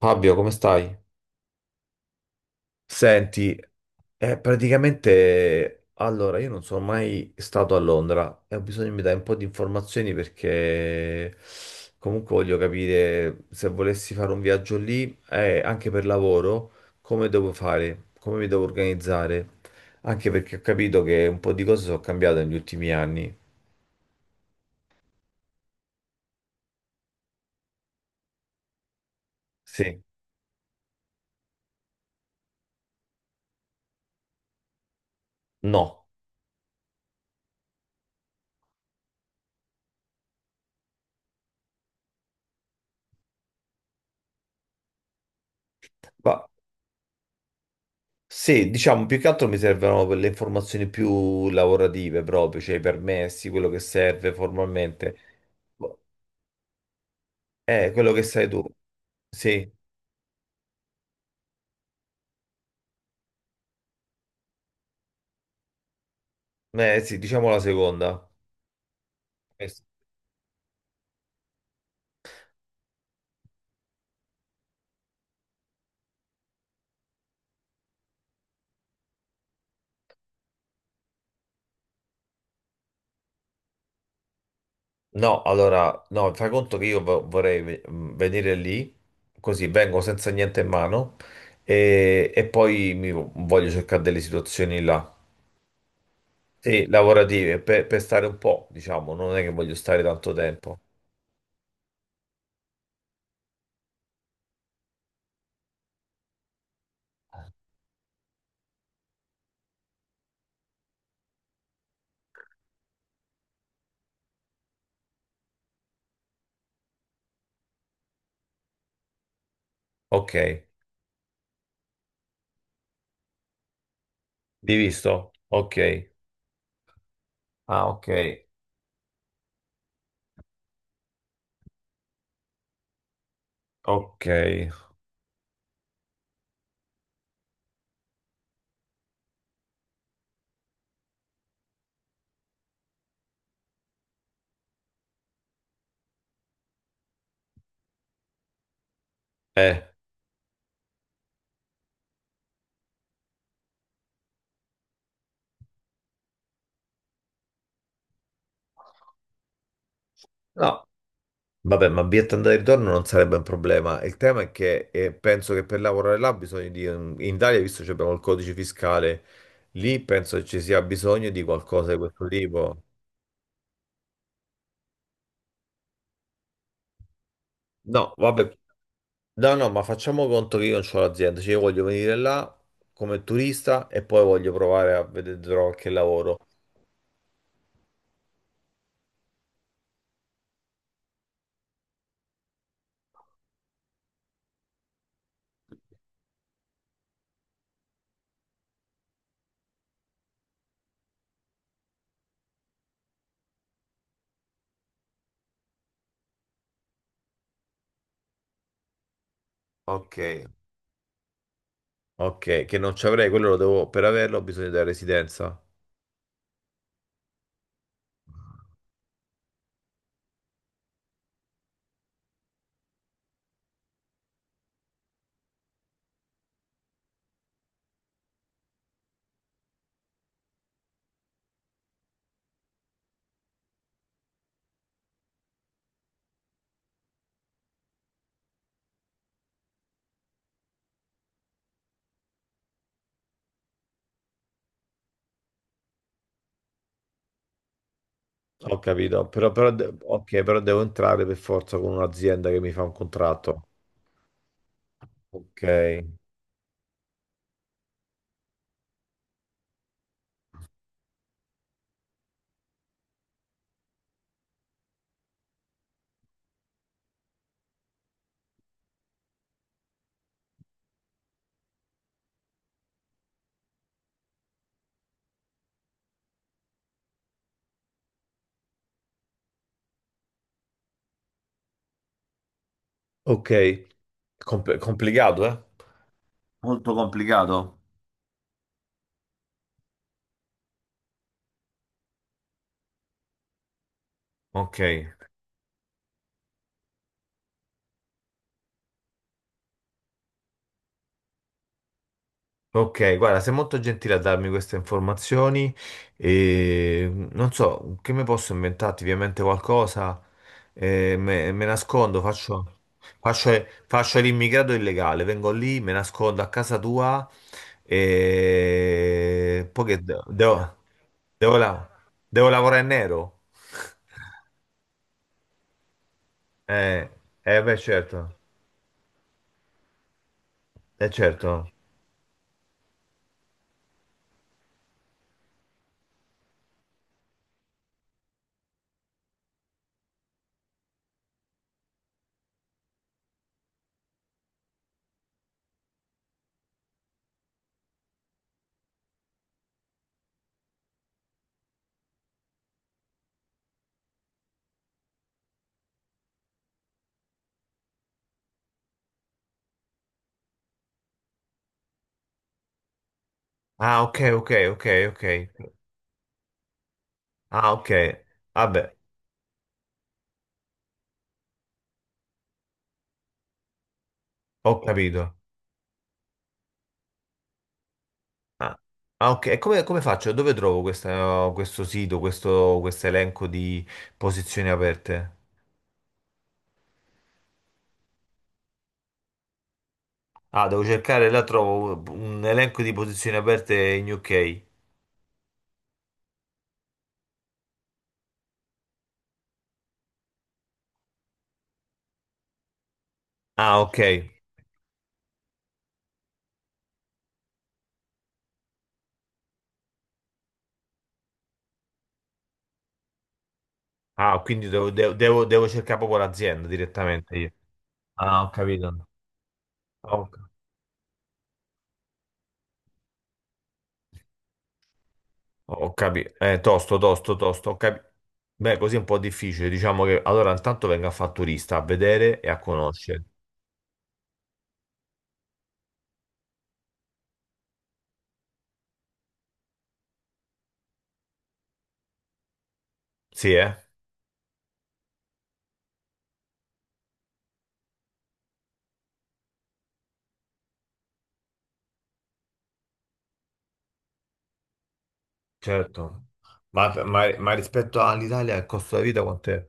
Fabio, come stai? Senti, praticamente allora io non sono mai stato a Londra e ho bisogno che mi dai un po' di informazioni perché comunque voglio capire se volessi fare un viaggio lì, anche per lavoro, come devo fare, come mi devo organizzare, anche perché ho capito che un po' di cose sono cambiate negli ultimi anni. Sì, no. Ma Sì, diciamo, più che altro mi servono per le informazioni più lavorative proprio, cioè i permessi, quello che serve formalmente. Boh, eh, quello che sai tu. Sì, sì, diciamo la seconda. Questo. No, allora, no, fai conto che io venire lì, così vengo senza niente in mano e, poi voglio cercare delle situazioni là. Sì, lavorative, per stare un po', diciamo, non è che voglio stare tanto tempo. Ok, di visto? Ok. Ah, ok. Ok, eh, no, vabbè, ma biglietto andata e ritorno non sarebbe un problema. Il tema è che penso che per lavorare là bisogna di... In Italia, visto che abbiamo il codice fiscale, lì penso che ci sia bisogno di qualcosa di questo tipo. No, vabbè, no, no, ma facciamo conto che io non ho l'azienda, cioè io voglio venire là come turista e poi voglio provare a vedere se trovo qualche lavoro. Ok. Ok, che non ci avrei, quello lo devo, per averlo ho bisogno della residenza. Ho capito, però, ok, però devo entrare per forza con un'azienda che mi fa un contratto. Ok, ok, complicato, eh? Molto complicato. Ok. Ok, guarda, sei molto gentile a darmi queste informazioni e non so che mi posso inventarti, ovviamente qualcosa, me nascondo, faccio, faccio l'immigrato illegale, vengo lì, me nascondo a casa tua e poi devo, devo lavorare in nero? Eh, beh, certo, certo. Ah, ok, ok, ok, ok. Ah, ok, vabbè, ho capito. Ah, ah, ok. E come, come faccio? Dove trovo questo sito, questo elenco di posizioni aperte? Ah, devo cercare, là trovo un elenco di posizioni aperte in UK. Ah, ok. Ah, quindi devo, devo cercare proprio l'azienda direttamente io. Ah, ho capito. Ho, ho capito. Tosto, tosto, tosto. Beh, così è un po' difficile. Diciamo che allora intanto venga a fare turista, a vedere e a conoscere. Sì, eh? Certo, ma rispetto all'Italia il costo della vita quant'è?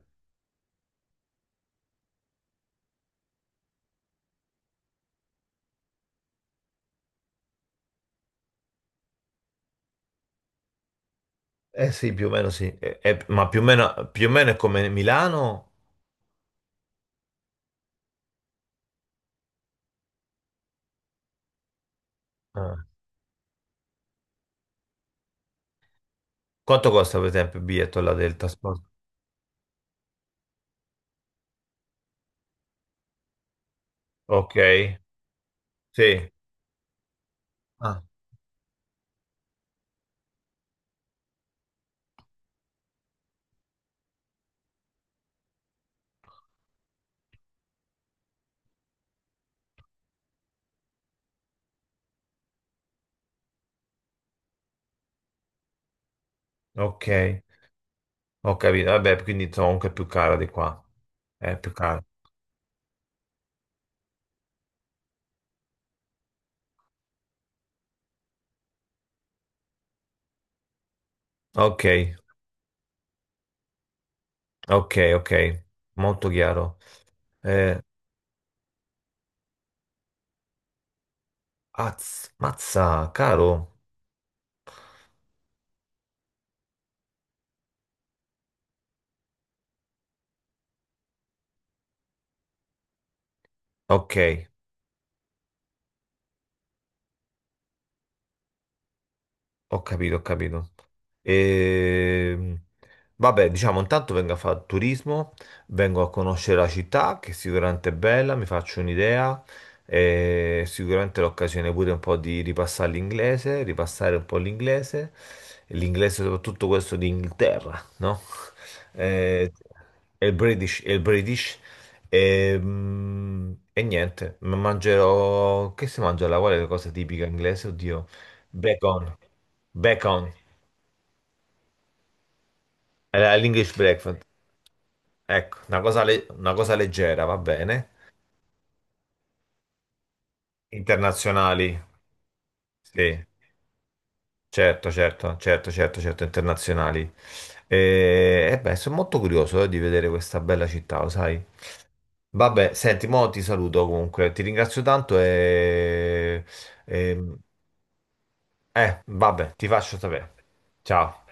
Eh sì, più o meno sì, eh, ma più o meno è come Milano. Ah. Quanto costa per esempio il biglietto là del trasporto? Ok, sì, ah, ok, ho capito, vabbè, quindi sono anche più cara di qua, è più cara. Ok, ok, ok, molto chiaro. Eh, azz- mazza, caro, ok. Ho capito, ho capito. Ehm, Vabbè, diciamo, intanto vengo a fare turismo, vengo a conoscere la città, che sicuramente è bella, mi faccio un'idea, e sicuramente l'occasione pure un po' di ripassare l'inglese, ripassare un po' l'inglese, e l'inglese soprattutto questo di Inghilterra, no? Eh, e il British, e il British. Ehm, E, niente, ma mangerò... Che si mangia là? Qual è la cosa tipica inglese? Oddio. Bacon, bacon, era l'English breakfast. Ecco, una cosa, una cosa leggera, va bene. Internazionali, sì, certo, certo, certo, certo, certo, internazionali. E beh, sono molto curioso, di vedere questa bella città, lo sai. Vabbè, senti, mo ti saluto comunque, ti ringrazio tanto e... e- vabbè, ti faccio sapere. Ciao.